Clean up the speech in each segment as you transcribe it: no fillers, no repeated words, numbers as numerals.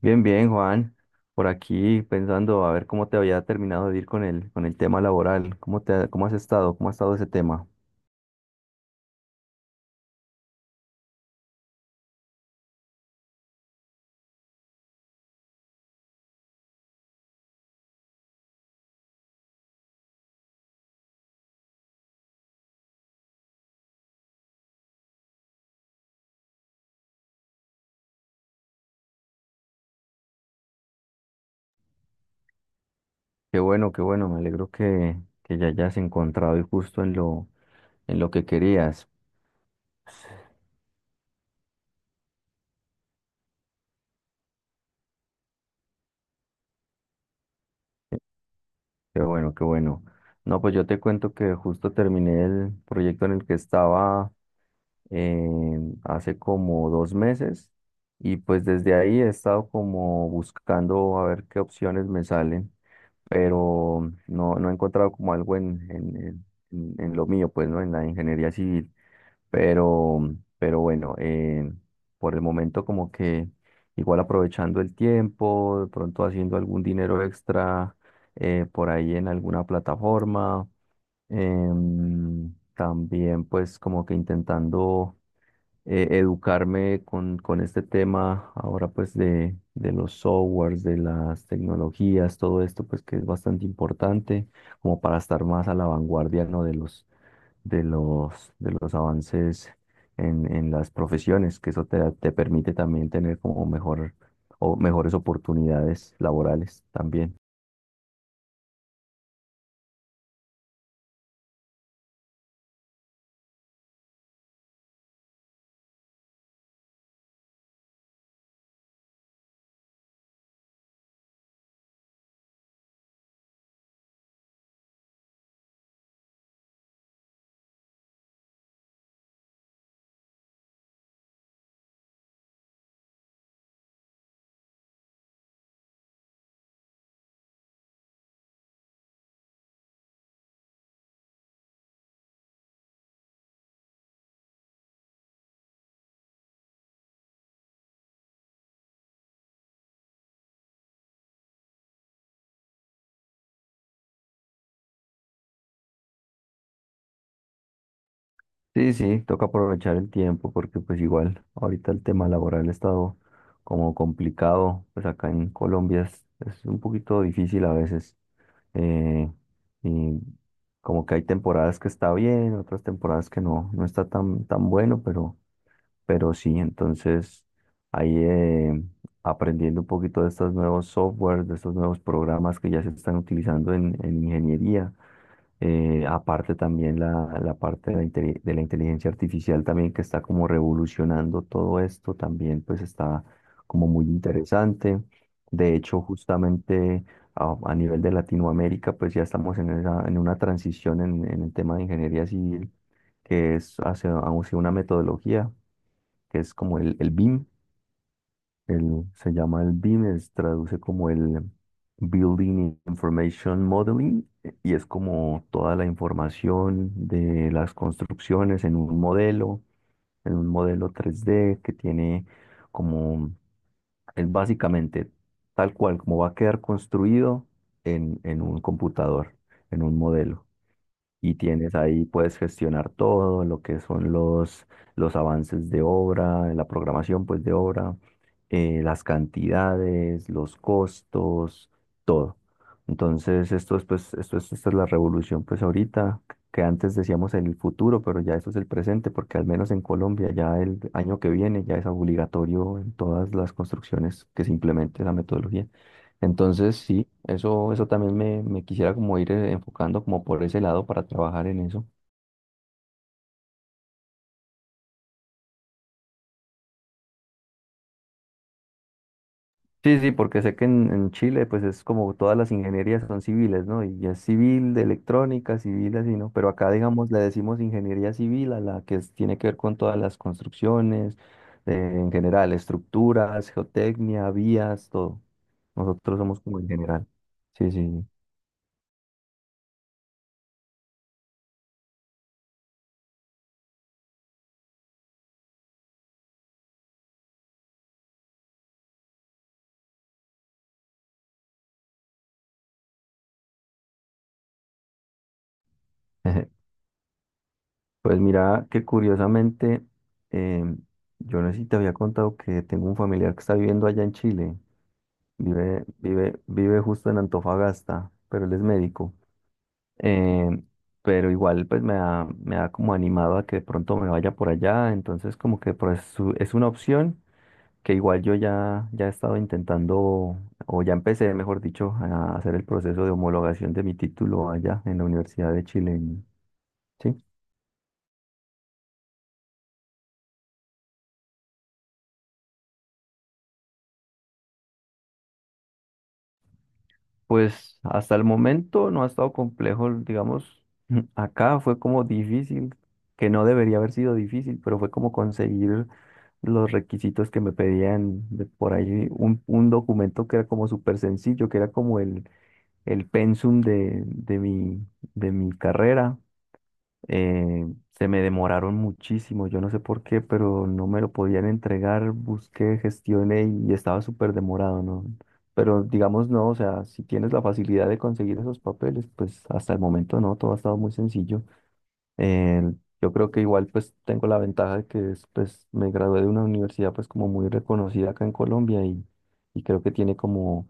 Bien, bien, Juan. Por aquí pensando a ver cómo te había terminado de ir con con el tema laboral. ¿Cómo cómo has estado? ¿Cómo ha estado ese tema? Qué bueno, qué bueno. Me alegro que ya hayas encontrado y justo en en lo que querías. Qué bueno, qué bueno. No, pues yo te cuento que justo terminé el proyecto en el que estaba eh, hace como dos meses y pues desde ahí he estado como buscando a ver qué opciones me salen, pero no, no he encontrado como algo en lo mío, pues, ¿no? En la ingeniería civil, pero bueno, por el momento como que igual aprovechando el tiempo, de pronto haciendo algún dinero extra por ahí en alguna plataforma. También pues como que intentando educarme con este tema ahora pues de los softwares, de las tecnologías, todo esto pues que es bastante importante como para estar más a la vanguardia, ¿no? De los avances en las profesiones, que eso te permite también tener como mejor o mejores oportunidades laborales también. Sí, sí, toca aprovechar el tiempo porque pues igual ahorita el tema laboral ha estado como complicado, pues acá en Colombia es un poquito difícil a veces. eh, y como que hay temporadas que está bien, otras temporadas que no, no está tan bueno, pero sí, entonces ahí aprendiendo un poquito de estos nuevos softwares, de estos nuevos programas que ya se están utilizando en ingeniería. Aparte también la parte de de la inteligencia artificial también que está como revolucionando todo esto, también pues está como muy interesante. De hecho, justamente a nivel de Latinoamérica, pues ya estamos en una transición en el tema de ingeniería civil, que es hacia una metodología que es como el BIM, se llama el BIM, traduce como el Building Information Modeling, y es como toda la información de las construcciones en un modelo tres d que tiene como, es básicamente tal cual como va a quedar construido en un computador, en un modelo y tienes ahí, puedes gestionar todo lo que son los avances de obra, la programación pues de obra, las cantidades, los costos, todo. Entonces, esto es pues, esto es, esta es la revolución pues ahorita, que antes decíamos el futuro, pero ya eso es el presente, porque al menos en Colombia ya el año que viene ya es obligatorio en todas las construcciones que se implemente la metodología. Entonces, sí, eso también me quisiera como ir enfocando como por ese lado para trabajar en eso. Sí, sí, porque sé que en Chile pues es como todas las ingenierías son civiles, ¿no? Y es civil, de electrónica, civil así, ¿no? Pero acá, digamos, le decimos ingeniería civil a la que tiene que ver con todas las construcciones, en general, estructuras, geotecnia, vías, todo. Nosotros somos como en general. Sí, sí. Sí. Pues mira que curiosamente, em, yo no sé si te había contado que tengo un familiar que está viviendo allá en Chile, vive justo en Antofagasta, pero él es médico. Em, pero igual pues me me ha como animado a que de pronto me vaya por allá, entonces como que pues, es una opción que igual yo ya he estado intentando, o ya empecé, mejor dicho, a hacer el proceso de homologación de mi título allá en la Universidad de Chile. ¿Sí? Pues hasta el momento no ha estado complejo, digamos, acá fue como difícil, que no debería haber sido difícil, pero fue como conseguir los requisitos que me pedían de por ahí, un documento que era como súper sencillo, que era como el pensum de de mi carrera, eh, se me demoraron muchísimo, yo no sé por qué, pero no me lo podían entregar, busqué, gestioné y estaba súper demorado, ¿no? Pero digamos, no, o sea, si tienes la facilidad de conseguir esos papeles, pues hasta el momento no, todo ha estado muy sencillo. Eh, yo creo que igual pues tengo la ventaja de que es, pues me gradué de una universidad pues como muy reconocida acá en Colombia y creo que tiene como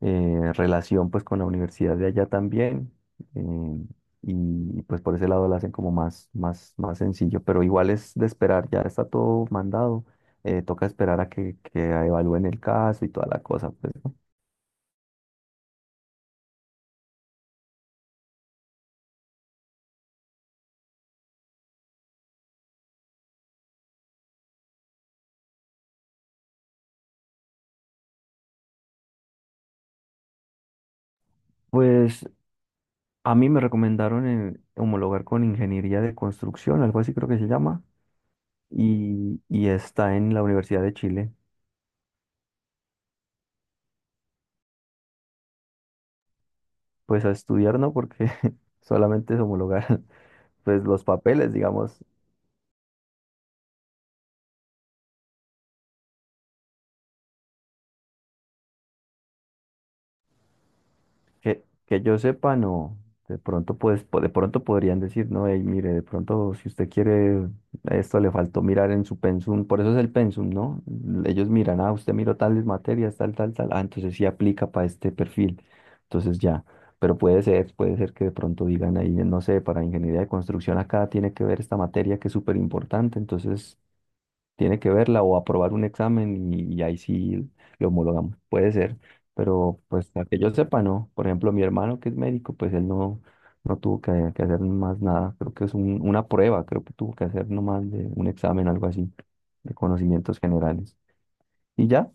relación pues con la universidad de allá también. eh, y pues por ese lado lo hacen como más sencillo, pero igual es de esperar, ya está todo mandado, toca esperar a que evalúen el caso y toda la cosa, pues, ¿no? Pues a mí me recomendaron homologar con ingeniería de construcción, algo así creo que se llama, y está en la Universidad de Chile. Pues a estudiar no, porque solamente es homologar pues los papeles, digamos. Que yo sepa, no. De pronto, pues, de pronto podrían decir, no, hey, mire, de pronto, si usted quiere, esto le faltó mirar en su pensum, por eso es el pensum, ¿no? Ellos miran, ah, usted miró tales materias, tal, tal, tal, ah, entonces sí aplica para este perfil, entonces ya. Pero puede ser que de pronto digan ahí, no sé, para ingeniería de construcción acá tiene que ver esta materia que es súper importante, entonces tiene que verla o aprobar un examen y ahí sí lo homologamos. Puede ser, pero pues a que yo sepa, no. Por ejemplo, mi hermano que es médico, pues él no, no tuvo que hacer más nada. Creo que es una prueba, creo que tuvo que hacer nomás de un examen, algo así, de conocimientos generales. Y ya.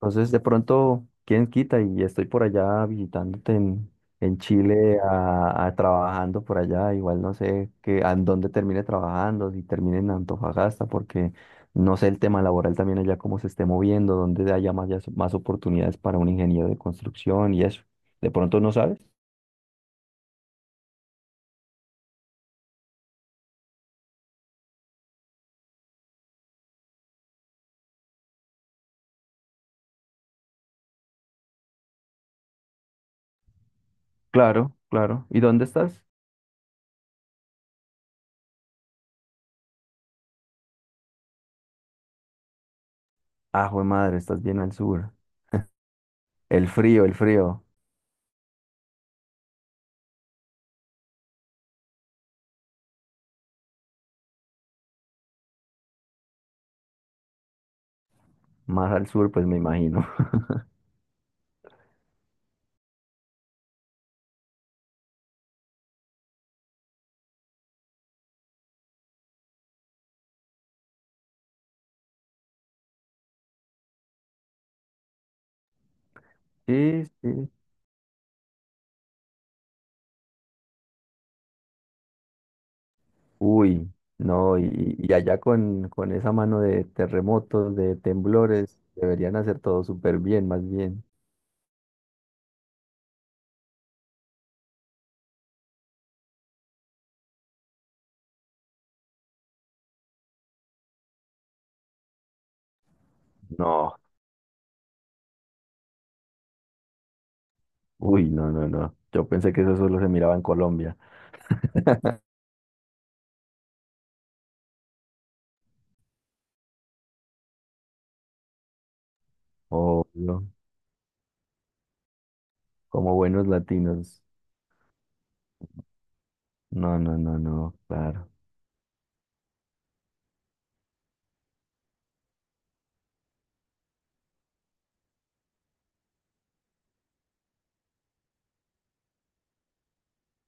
Entonces, de pronto, ¿quién quita? Y estoy por allá visitándote en Chile, trabajando por allá. Igual no sé qué, a dónde termine trabajando, si termine en Antofagasta, porque no sé el tema laboral también allá cómo se esté moviendo, dónde haya más, más oportunidades para un ingeniero de construcción y eso. ¿De pronto no sabes? Claro, claro. ¿Y dónde estás? Ah, jue madre, estás bien al sur. El frío, el frío. Más al sur, pues me imagino. Sí, sí. Uy, no, y allá con esa mano de terremotos, de temblores, deberían hacer todo súper bien, más bien. No, uy, no, no, no. Yo pensé que eso solo se miraba en Colombia. O como buenos latinos. No, no, no, no, claro.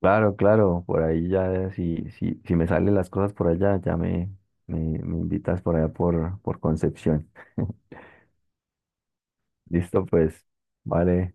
Claro, claro, por ahí ya, si, si, si me salen las cosas por allá, me invitas por allá por Concepción. Listo, pues, vale.